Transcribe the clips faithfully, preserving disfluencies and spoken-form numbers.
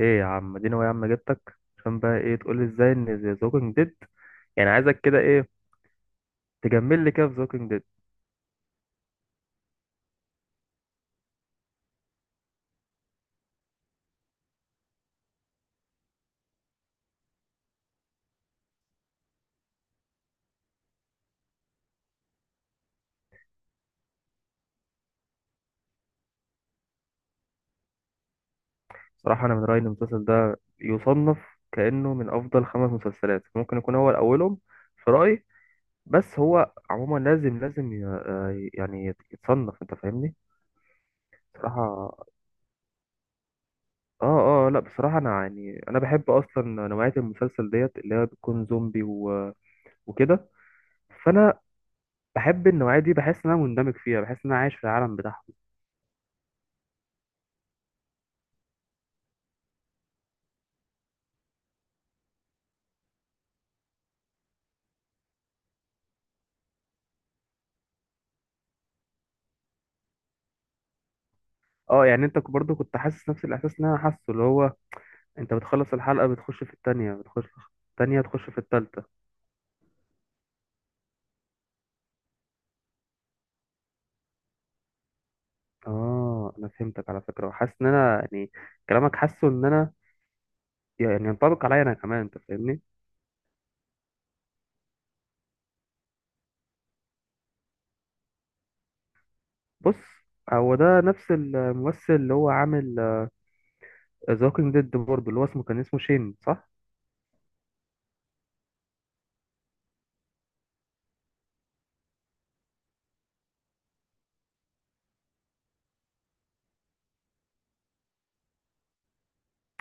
ايه يا عم، اديني هو يا عم، جبتك عشان بقى ايه؟ تقول لي ازاي ان ذا ووكينج ديد؟ يعني عايزك كده ايه؟ تجمل لي كده في ذا ووكينج ديد. صراحه انا من رايي ان المسلسل ده يصنف كانه من افضل خمس مسلسلات، ممكن يكون هو اولهم في رايي. بس هو عموما لازم لازم ي- آه يعني يت- يتصنف، انت فاهمني؟ بصراحه. اه، اه، لا بصراحه انا يعني انا بحب اصلا نوعيه المسلسل ديت، اللي هي بتكون زومبي و... وكده. فانا بحب النوعيه دي، بحس ان انا مندمج فيها، بحس ان انا عايش في العالم بتاعها. اه يعني انت برضو كنت حاسس نفس الاحساس اللي انا حاسه، اللي هو انت بتخلص الحلقه، بتخش في التانية، بتخش في التانية، تخش في التالتة. اه انا فهمتك على فكره، وحاسس ان انا يعني كلامك، حاسه ان انا يعني ينطبق عليا انا كمان، انت فاهمني؟ بص هو ده نفس الممثل اللي هو عامل ذا ووكينج ديد برضه، اللي هو اسمه كان اسمه شين صح؟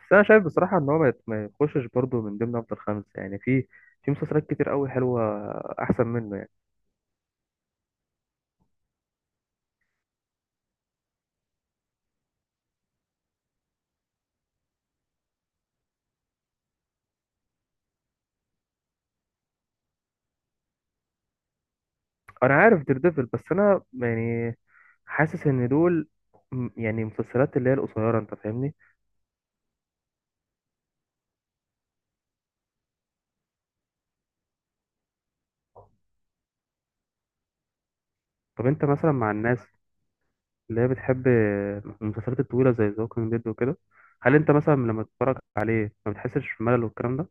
بس انا شايف بصراحه ان هو ما يت- ما يخشش برضه من ضمن افضل خمسه، يعني في في مسلسلات كتير قوي حلوه، احسن منه يعني. انا عارف دير ديفل، بس انا يعني حاسس ان دول م- يعني مسلسلات اللي هي القصيره، انت فاهمني؟ طب انت مثلا مع الناس اللي هي بتحب المسلسلات الطويله زي ذا ووكينج ديد وكده، هل انت مثلا لما تتفرج عليه ما بتحسش بملل والكلام ده؟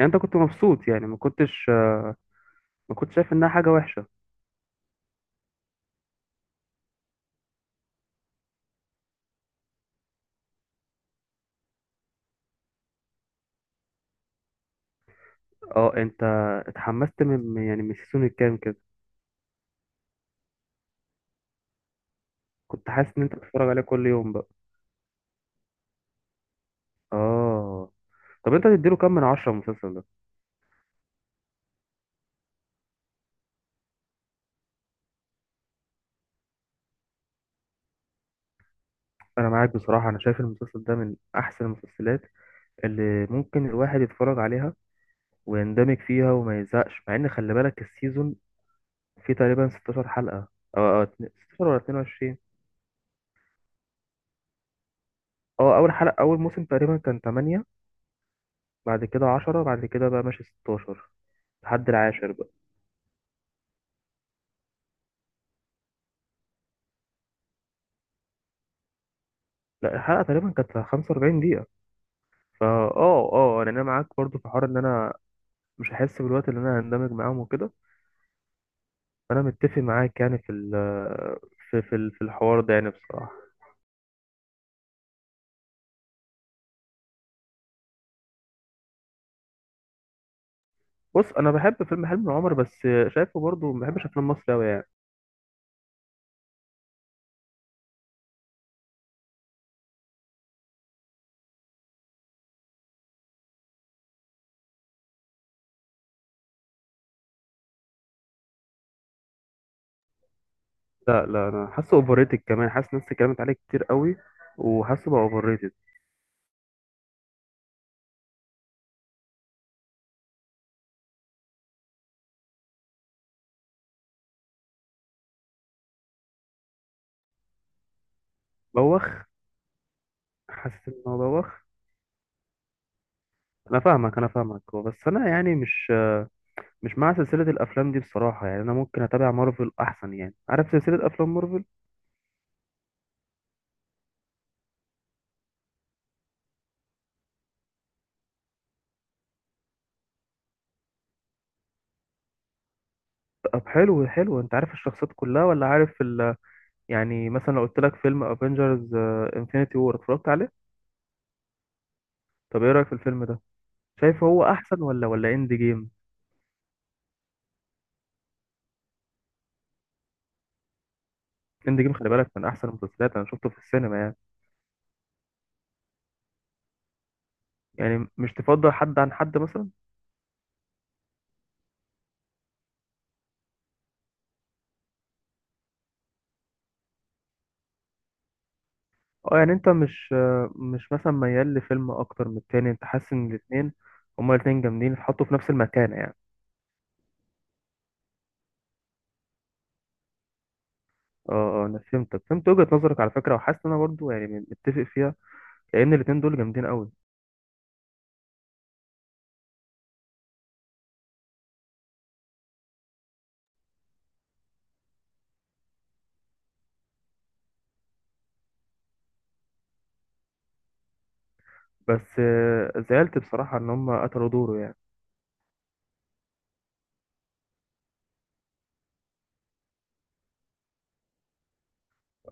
يعني انت كنت مبسوط، يعني ما كنتش آه، ما كنتش شايف انها حاجه وحشه؟ اه انت اتحمست من يعني من السيزون الكام كده؟ كنت حاسس ان انت بتتفرج عليه كل يوم بقى. اه. طب انت تديله كام من عشرة المسلسل ده؟ انا معاك بصراحه، انا شايف المسلسل ده من احسن المسلسلات اللي ممكن الواحد يتفرج عليها ويندمج فيها وما يزهقش. مع ان خلي بالك السيزون فيه تقريبا 16 حلقة، او أو اتن- ستاشر ولا اتنين وعشرين. اه اول حلقة اول موسم تقريبا كان تمانية، بعد كده عشرة، بعد كده بقى ماشي ستاشر لحد العاشر بقى. لا الحلقة تقريبا كانت 45 دقيقة. فا اه اه يعني انا معاك برضو في حوار ان انا مش هحس بالوقت اللي انا هندمج معاهم وكده. فانا متفق معاك يعني في ال في في ال- في الحوار ده يعني بصراحة. بص انا بحب فيلم حلم العمر، بس شايفه برضو ما بحبش افلام مصر قوي يعني. لا، لا، انا حاسه اوفر ريتد، كمان حاسس ناس اتكلمت عليه كتير قوي، وحاسه بقى اوفر ريتد. بوخ. حاسس ان هو بوخ. انا فاهمك انا فاهمك، هو بس انا يعني مش مش مع سلسله الافلام دي بصراحه، يعني انا ممكن اتابع مارفل احسن، يعني عارف سلسله افلام مارفل؟ طب حلو حلو، انت عارف الشخصيات كلها ولا عارف ال...؟ يعني مثلا لو قلت لك فيلم افنجرز انفينيتي وور، اتفرجت عليه؟ طب ايه رايك في الفيلم ده؟ شايفه هو احسن ولا ولا اند جيم؟ اند جيم خلي بالك من احسن المسلسلات، انا شفته في السينما يعني. يعني مش تفضل حد عن حد مثلا؟ اه يعني انت مش مش مثلا ميال لفيلم اكتر من التاني، انت حاسس ان الاتنين هما الاتنين جامدين، اتحطوا في نفس المكانة يعني. اه، اه، انا فهمتك، فهمت وجهة نظرك على فكرة، وحاسس ان انا برضو يعني متفق فيها، لان الاتنين دول جامدين قوي. بس آه، زعلت بصراحة ان هما قتلوا دوره يعني.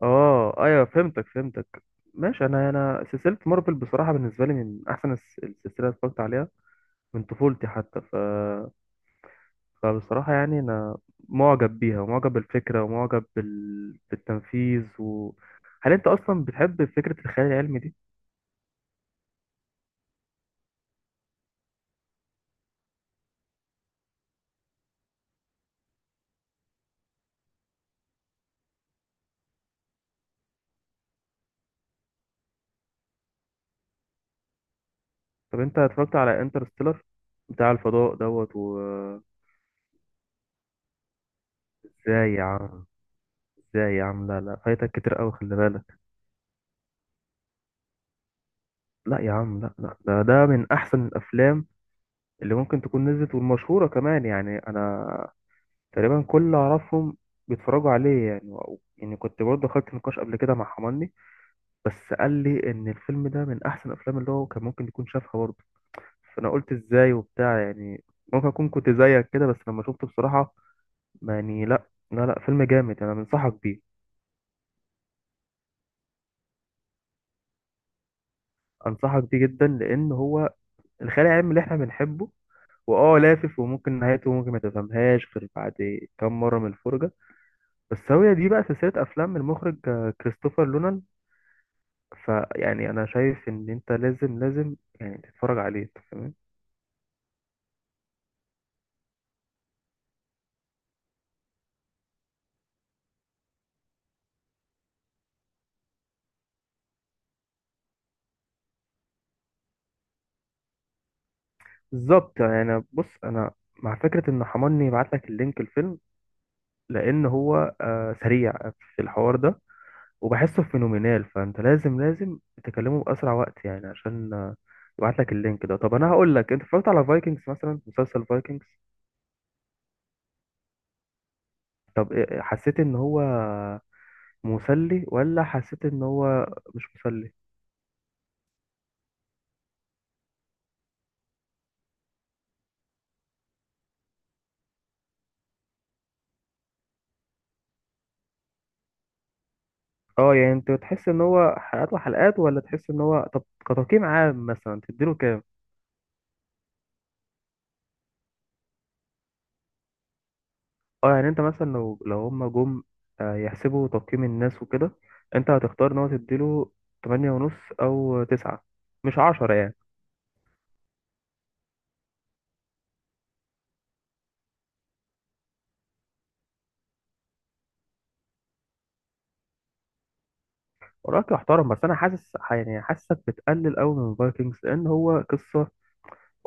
اه ايوه، فهمتك فهمتك. ماشي. انا انا سلسلة مارفل بصراحة بالنسبة لي من احسن الس- السلسلة اللي اتفرجت عليها من طفولتي حتى. ف فبصراحة يعني أنا معجب بيها، ومعجب بالفكرة، ومعجب بال... بالتنفيذ و... هل أنت أصلا بتحب فكرة الخيال العلمي دي؟ طب أنت اتفرجت على انترستيلر بتاع الفضاء دوت و إزاي يا عم، إزاي يا عم، لا لا، فايتك كتير أوي خلي بالك. لا يا عم، لا لا، ده ده من أحسن الأفلام اللي ممكن تكون نزلت، والمشهورة كمان، يعني أنا تقريبا كل اللي أعرفهم بيتفرجوا عليه يعني. و- يعني كنت برضه خدت نقاش قبل كده مع حماني، بس قال لي ان الفيلم ده من احسن الافلام اللي هو كان ممكن يكون شافها برضه. فانا قلت ازاي وبتاع يعني، ممكن اكون كنت زيك كده، بس لما شفته بصراحه ما يعني، لا لا لا، فيلم جامد، انا بنصحك بيه. انصحك بيه جدا، لان هو الخيال العلمي اللي احنا بنحبه، واه لافف، وممكن نهايته ممكن ما تفهمهاش غير بعد كام مره من الفرجه. بس هو دي بقى سلسله افلام المخرج آه، كريستوفر لونان. فيعني انا شايف ان انت لازم لازم يعني تتفرج عليه. بالظبط يعني. بص انا مع فكره ان حماني يبعت لك اللينك الفيلم، لان هو آه سريع في الحوار ده، وبحسه فينومينال، فانت لازم لازم تكلمه باسرع وقت يعني، عشان آه يبعت لك اللينك ده. طب انا هقول لك، انت اتفرجت على فايكنجز مثلا، مسلسل فايكنجز؟ طب إيه- حسيت ان هو مسلي ولا حسيت ان هو مش مسلي؟ اه يعني انت تحس ان هو حلقات وحلقات، ولا تحس ان هو، طب كتقييم عام مثلا تديله كام؟ اه يعني انت مثلا لو لو هما جم آه، يحسبوا تقييم الناس وكده، انت هتختار ان هو تديله تمانية ونص او تسعة، مش عشرة يعني؟ ورأيك يحترم، بس انا حاسس يعني حاسسك بتقلل قوي من فايكنجز، لان هو قصة،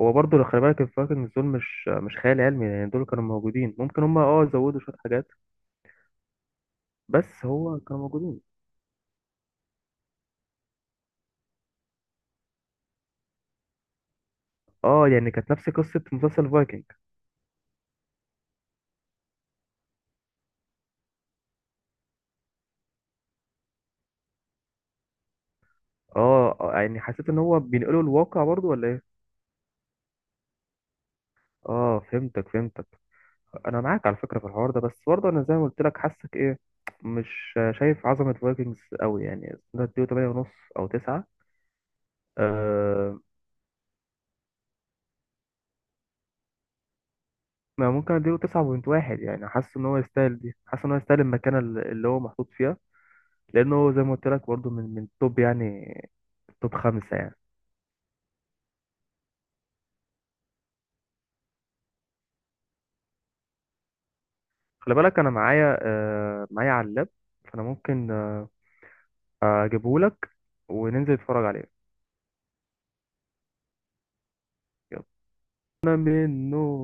هو برضه لو خلي بالك الفايكنجز دول مش مش خيال علمي يعني، دول كانوا موجودين، ممكن هما اه زودوا شوية حاجات، بس هو كانوا موجودين. اه يعني كانت نفس قصة مسلسل فايكنج. اه، آه، يعني حسيت ان هو بينقلوا الواقع برضه ولا ايه؟ اه فهمتك فهمتك. انا معاك على فكره في الحوار ده، بس برضه انا زي ما قلت لك حاسك ايه، مش شايف عظمه فايكنجز قوي يعني، ده اديله 8 ونص او تسعة. أه ما ممكن اديله تسعة فاصلة واحد يعني، حاسس ان هو يستاهل دي، حاسس ان هو يستاهل المكانه اللي اللي هو محطوط فيها، لانه هو زي ما قلت لك برضه من من توب يعني، توب خمسه يعني. خلي بالك انا معايا أه معايا على اللاب، فانا ممكن أه اجيبه لك وننزل نتفرج عليه. يلا. انا منه.